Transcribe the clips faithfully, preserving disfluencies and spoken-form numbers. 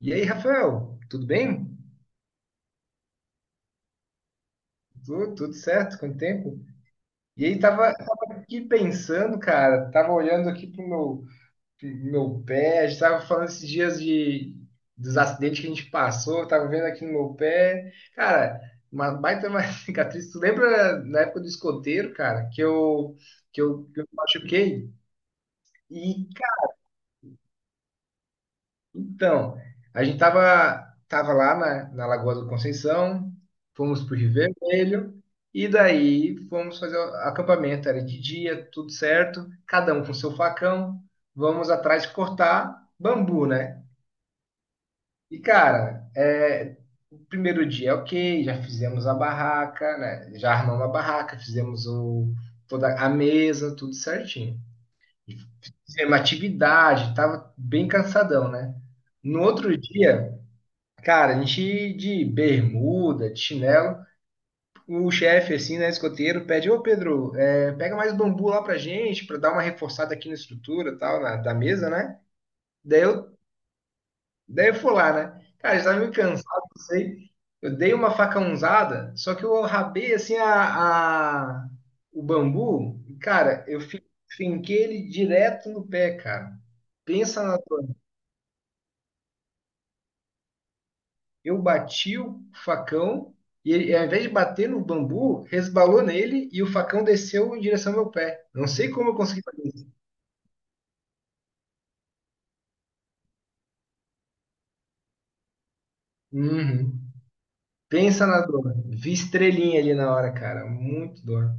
E aí, Rafael, tudo bem? Tudo, tudo certo? Quanto tempo? E aí, tava, tava aqui pensando, cara, tava olhando aqui pro meu, pro meu pé. A gente tava falando esses dias de, dos acidentes que a gente passou, tava vendo aqui no meu pé. Cara, uma baita uma cicatriz. Tu lembra na época do escoteiro, cara, que eu, que eu, que eu machuquei? E, Então, a gente tava, tava lá na, na Lagoa do Conceição, fomos pro Rio Vermelho, e daí fomos fazer o acampamento. Era de dia, tudo certo, cada um com seu facão, vamos atrás de cortar bambu, né? E cara, é, o primeiro dia, é ok. Já fizemos a barraca, né? Já armamos a barraca, fizemos o, toda a mesa, tudo certinho. Fizemos atividade, tava bem cansadão, né? No outro dia, cara, a gente de bermuda, de chinelo, o chefe, assim, né, escoteiro, pede, ô Pedro, é, pega mais bambu lá pra gente, pra dar uma reforçada aqui na estrutura e tal, na, da mesa, né? Daí eu, daí eu fui lá, né? Cara, eu estava meio cansado, não sei. Eu dei uma facãozada, só que eu rabei, assim, a, a- o bambu, e, cara, eu fi- finquei ele direto no pé, cara. Pensa na Eu bati o facão e ele, ao invés de bater no bambu, resbalou nele e o facão desceu em direção ao meu pé. Não sei como eu consegui fazer isso. Uhum. Pensa na dor. Vi estrelinha ali na hora, cara. Muito dor.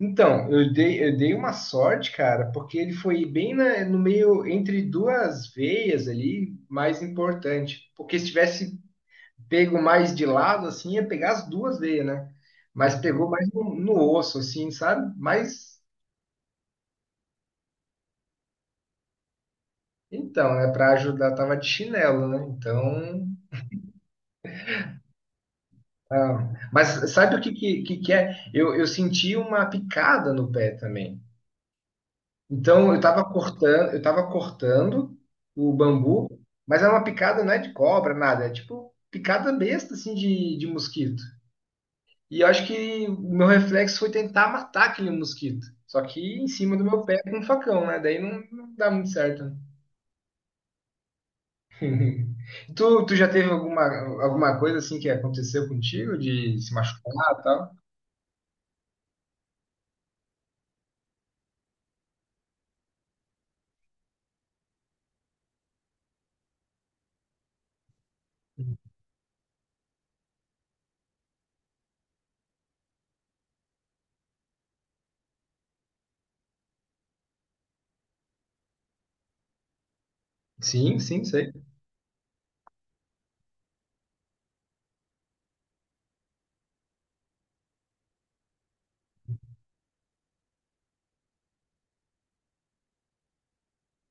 Então, eu dei, eu dei uma sorte, cara, porque ele foi bem na- no meio, entre duas veias ali, mais importante. Porque se tivesse pego mais de lado, assim, ia pegar as duas veias, né? Mas pegou mais no, no osso, assim, sabe? Mas Então, né, para ajudar, tava de chinelo, né? Então, ah, mas sabe o que que, que que é? Eu, eu senti uma picada no pé também. Então, eu tava cortando, eu tava cortando o bambu, mas era uma picada, não é de cobra, nada, é tipo picada besta assim de, de mosquito. E eu acho que o meu reflexo foi tentar matar aquele mosquito. Só que em cima do meu pé com um facão, né? Daí não, não dá muito certo, né. Uhum. Tu, tu já teve alguma, alguma coisa assim que aconteceu contigo de se machucar e tal? Sim, sim, sei.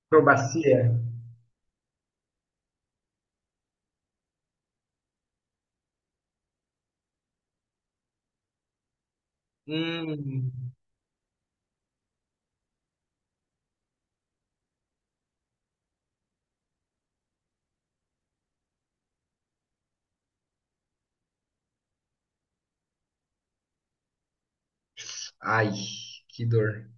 Acrobacia. Hum. Ai, que dor.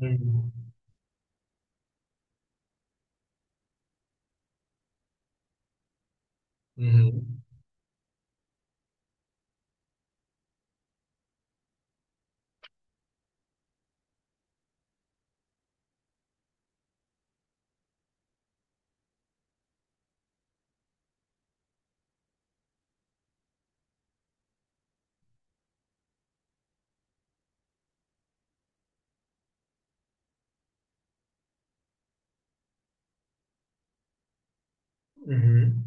Hum. Uhum. Uhum.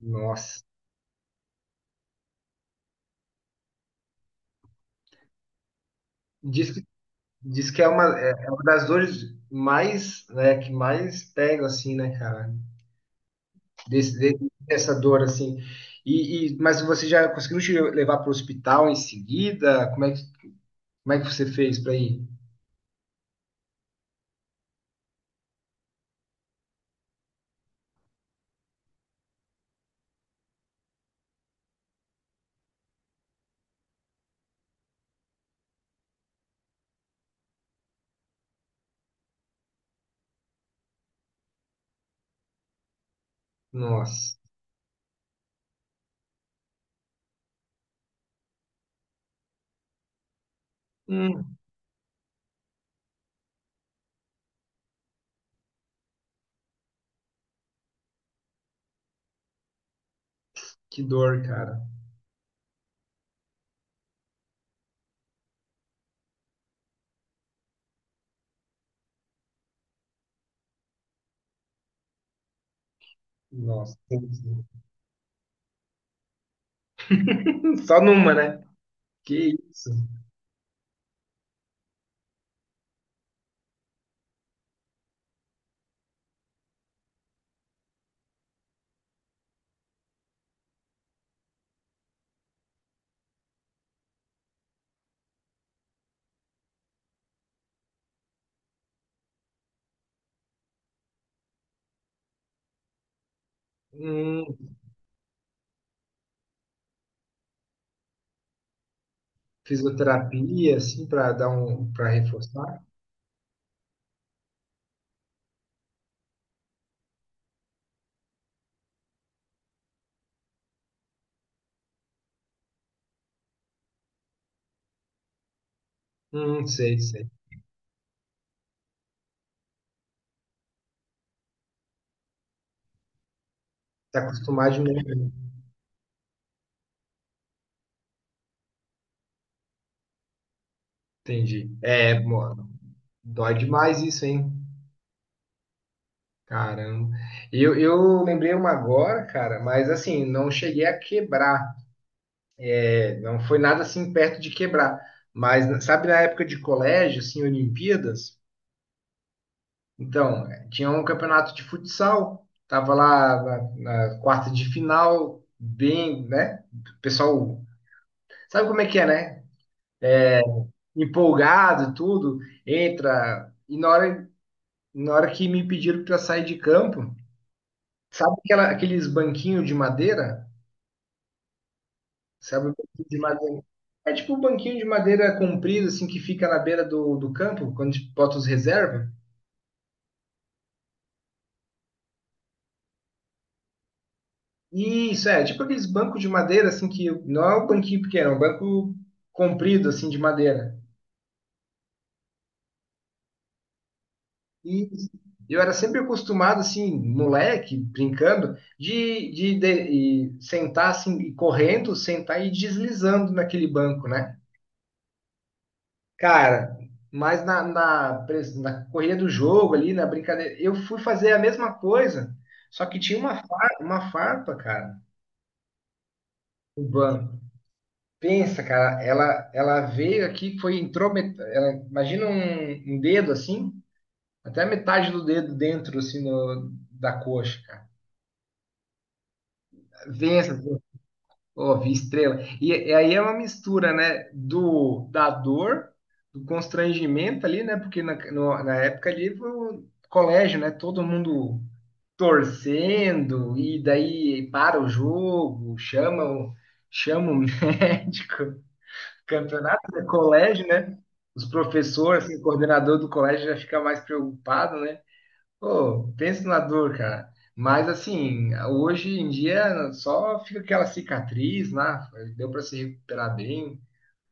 Nossa. Diz que, diz que é uma, é é uma das dores mais, né, que mais pega, assim, né, cara? Desse, de- dessa dor, assim. E, e- mas você já conseguiu te levar para o hospital em seguida? Como é que, como é que você fez para ir? Nossa. Hum, que dor, cara. Nossa. Só numa, né? Que isso. Hum, Fisioterapia, assim, pra dar um, para reforçar. Hum, sei, sei. Tá acostumado de novo, né? Entendi. É, mano, dói demais isso, hein? Caramba. Eu, eu lembrei uma agora, cara, mas assim, não cheguei a quebrar. É, não foi nada assim perto de quebrar. Mas sabe na época de colégio, assim, Olimpíadas? Então, tinha um campeonato de futsal, tava lá na, na quarta de final, bem, né? O pessoal, sabe como é que é, né? Empolgado, tudo, entra. E na hora, na hora que me pediram para sair de campo, sabe aquela- aqueles banquinhos de madeira? Sabe o banquinho de madeira? É tipo um banquinho de madeira comprido, assim, que fica na beira do, do campo, quando a gente bota os reservas. Isso, é, tipo aqueles bancos de madeira, assim, que não é um banquinho pequeno, é um banco comprido, assim, de madeira. E eu era sempre acostumado, assim, moleque, brincando, de, de, de- e sentar, assim, e correndo, sentar e deslizando naquele banco, né? Cara, mas na, na, pres- na correria do jogo ali, na brincadeira, eu fui fazer a mesma coisa, só que tinha uma, fa- uma farpa, cara, no banco. Pensa, cara, ela, ela veio aqui, foi, entrou, met- ela, imagina um, um dedo assim, até a metade do dedo dentro, assim, no- da coxa, cara. Pensa, essa, ó, vi estrela. E, e aí é uma mistura, né, do, da dor, do constrangimento ali, né, porque na, no- na época ali foi o colégio, né, todo mundo torcendo, e daí para o jogo, chama o, chama o médico. Campeonato, né? Colégio, né? Os professores, assim, o coordenador do colégio já fica mais preocupado, né? Pô, pensa na dor, cara. Mas assim, hoje em dia só fica aquela cicatriz lá, deu para se recuperar bem,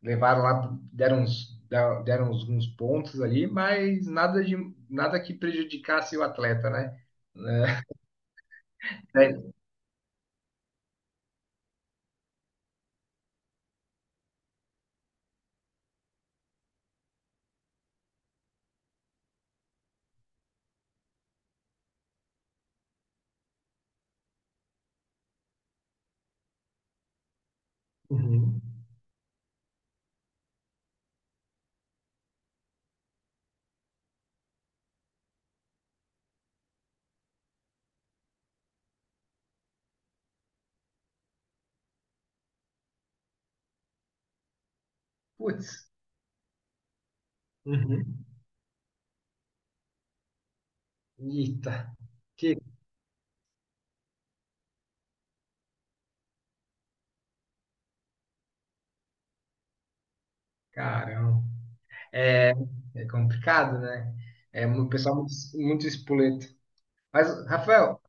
levaram lá, deram uns, deram uns uns pontos ali, mas nada de nada que prejudicasse o atleta, né? É. Uhum. Putz. Uhum. Eita, que caramba. É, é complicado, né? É um pessoal muito, muito espoleto. Mas, Rafael,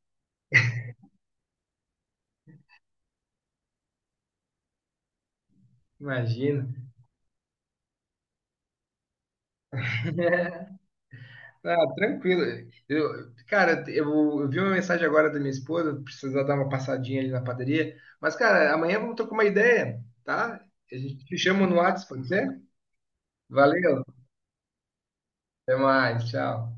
imagina. Ah, tranquilo. Eu, cara, eu, eu vi uma mensagem agora da minha esposa, precisar dar uma passadinha ali na padaria. Mas, cara, amanhã vamos trocar uma ideia, tá? A gente te chama no WhatsApp, pode ser? Valeu, até mais, tchau.